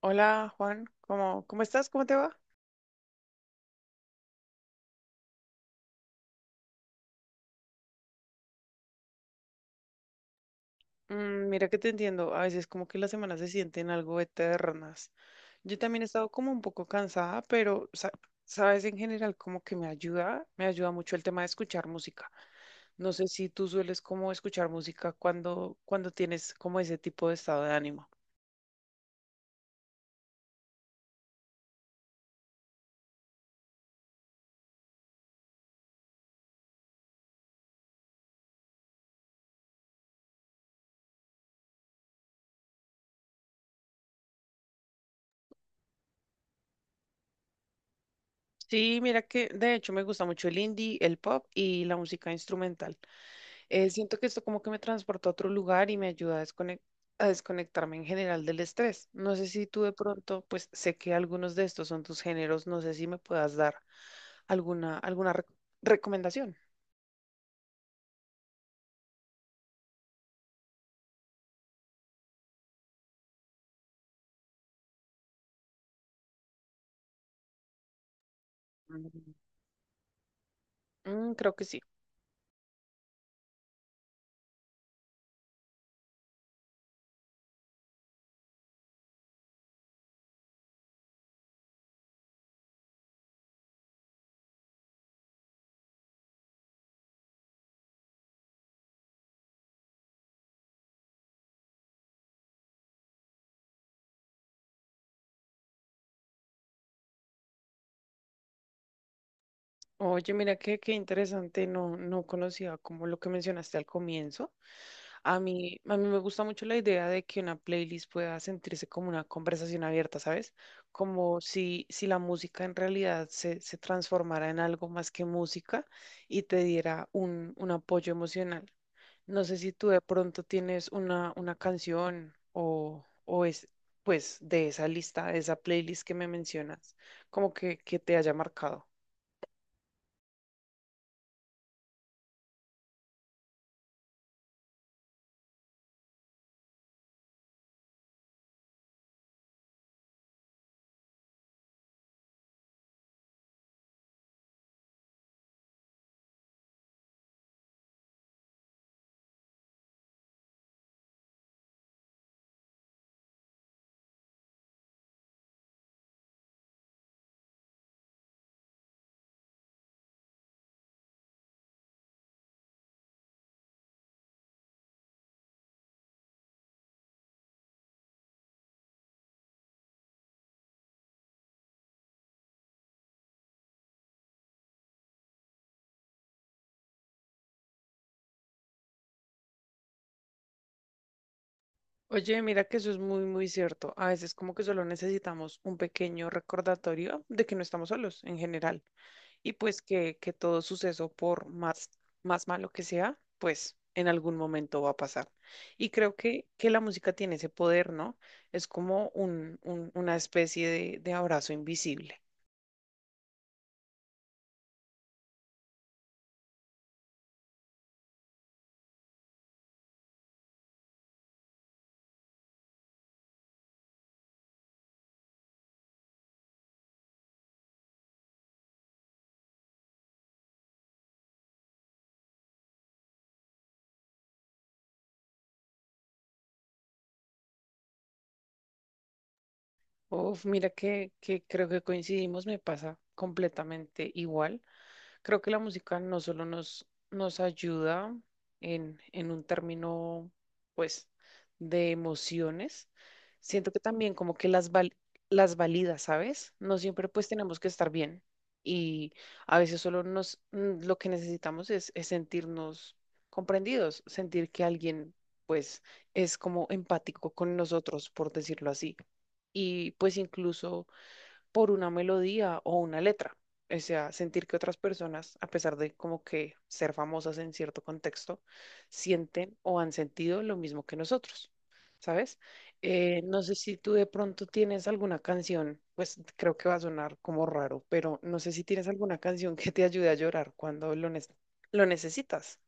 Hola Juan, ¿cómo estás? ¿Cómo te va? Mm, mira que te entiendo, a veces como que las semanas se sienten algo eternas. Yo también he estado como un poco cansada, pero sabes, en general como que me ayuda mucho el tema de escuchar música. No sé si tú sueles como escuchar música cuando tienes como ese tipo de estado de ánimo. Sí, mira que de hecho me gusta mucho el indie, el pop y la música instrumental. Siento que esto como que me transporta a otro lugar y me ayuda a a desconectarme en general del estrés. No sé si tú de pronto, pues sé que algunos de estos son tus géneros, no sé si me puedas dar alguna recomendación. Mm, mm, creo que sí. Oye, mira qué interesante, no conocía como lo que mencionaste al comienzo. A mí me gusta mucho la idea de que una playlist pueda sentirse como una conversación abierta, ¿sabes? Como si la música en realidad se transformara en algo más que música y te diera un apoyo emocional. No sé si tú de pronto tienes una canción o es, pues, de esa lista, de esa playlist que me mencionas, como que te haya marcado. Oye, mira que eso es muy cierto. A veces como que solo necesitamos un pequeño recordatorio de que no estamos solos en general y pues que todo suceso, por más, más malo que sea, pues en algún momento va a pasar. Y creo que la música tiene ese poder, ¿no? Es como un, una especie de abrazo invisible. Uf, mira que creo que coincidimos, me pasa completamente igual. Creo que la música no solo nos, nos ayuda en un término, pues, de emociones, siento que también como que las las valida, ¿sabes? No siempre pues tenemos que estar bien y a veces solo nos, lo que necesitamos es sentirnos comprendidos, sentir que alguien pues es como empático con nosotros, por decirlo así. Y pues incluso por una melodía o una letra. O sea, sentir que otras personas, a pesar de como que ser famosas en cierto contexto, sienten o han sentido lo mismo que nosotros, ¿sabes? No sé si tú de pronto tienes alguna canción, pues creo que va a sonar como raro, pero no sé si tienes alguna canción que te ayude a llorar cuando lo necesitas.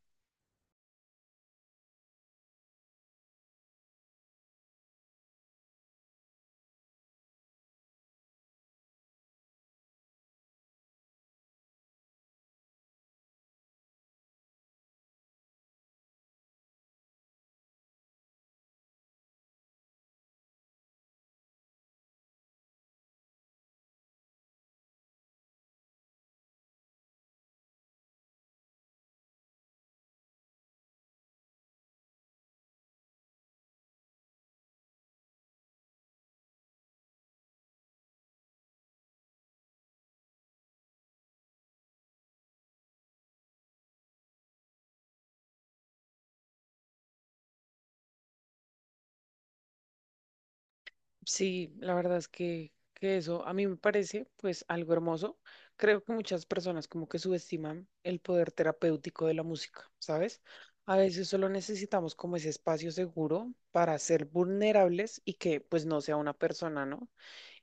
Sí, la verdad es que eso a mí me parece pues algo hermoso. Creo que muchas personas como que subestiman el poder terapéutico de la música, ¿sabes? A veces solo necesitamos como ese espacio seguro para ser vulnerables y que pues no sea una persona, ¿no?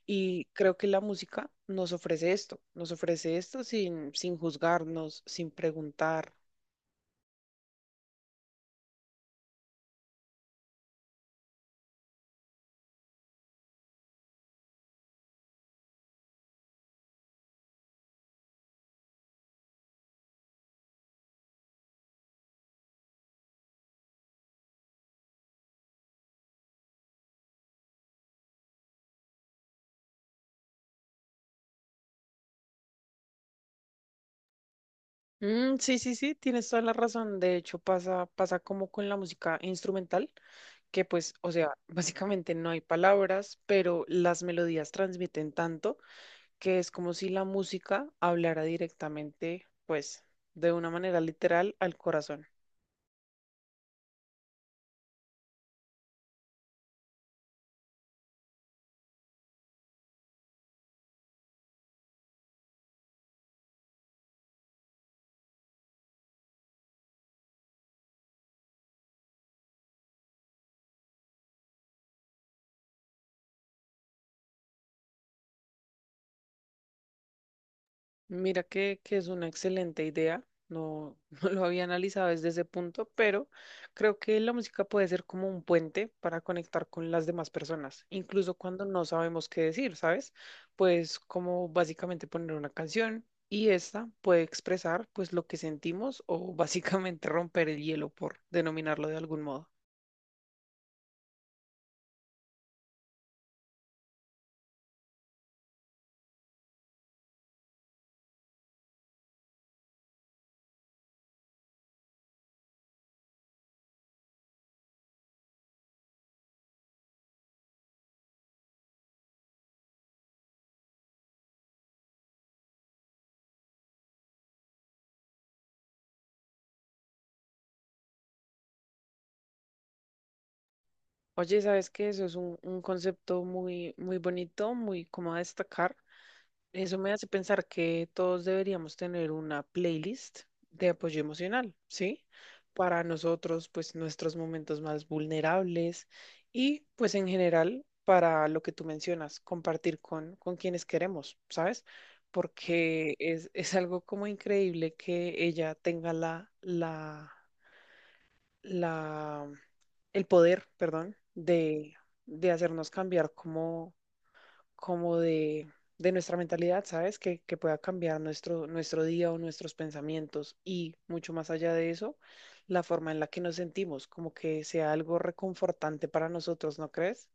Y creo que la música nos ofrece esto sin juzgarnos, sin preguntar. Mm, sí, sí, sí, tienes toda la razón. De hecho, pasa, pasa como con la música instrumental. Que pues, o sea, básicamente no hay palabras, pero las melodías transmiten tanto que es como si la música hablara directamente, pues, de una manera literal al corazón. Mira que es una excelente idea. No, no lo había analizado desde ese punto, pero creo que la música puede ser como un puente para conectar con las demás personas, incluso cuando no sabemos qué decir, ¿sabes? Pues como básicamente poner una canción y esta puede expresar pues lo que sentimos o básicamente romper el hielo por denominarlo de algún modo. Oye, ¿sabes qué? Eso es un concepto muy bonito, muy como a destacar. Eso me hace pensar que todos deberíamos tener una playlist de apoyo emocional, ¿sí? Para nosotros, pues nuestros momentos más vulnerables y pues en general para lo que tú mencionas, compartir con quienes queremos, ¿sabes? Porque es algo como increíble que ella tenga la el poder, perdón, de hacernos cambiar como como de nuestra mentalidad, ¿sabes? Que pueda cambiar nuestro, nuestro día o nuestros pensamientos y mucho más allá de eso, la forma en la que nos sentimos, como que sea algo reconfortante para nosotros, ¿no crees?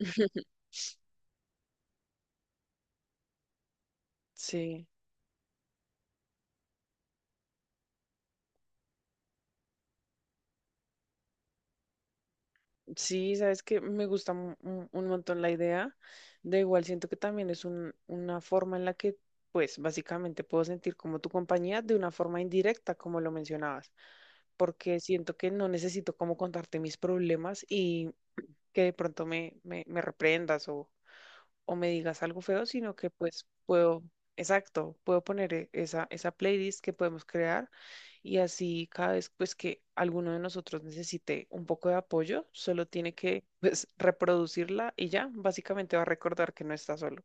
Sí, sí, sabes que me gusta un montón la idea. De igual, siento que también es una forma en la que, pues, básicamente puedo sentir como tu compañía de una forma indirecta, como lo mencionabas, porque siento que no necesito como contarte mis problemas que de pronto me reprendas o me digas algo feo, sino que pues puedo, exacto, puedo poner esa, esa playlist que podemos crear y así cada vez pues que alguno de nosotros necesite un poco de apoyo, solo tiene que pues reproducirla y ya, básicamente va a recordar que no está solo.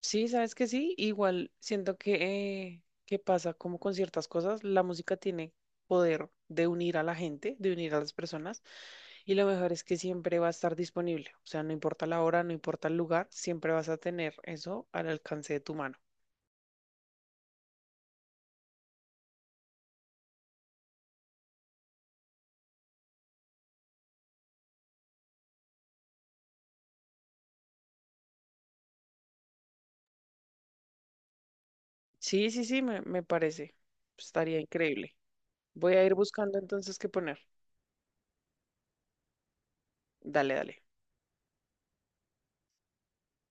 Sí, sabes que sí, igual siento que pasa como con ciertas cosas, la música tiene poder de unir a la gente, de unir a las personas, y lo mejor es que siempre va a estar disponible, o sea, no importa la hora, no importa el lugar, siempre vas a tener eso al alcance de tu mano. Sí, sí, sí, me parece, estaría increíble. Voy a ir buscando entonces qué poner. Dale, dale.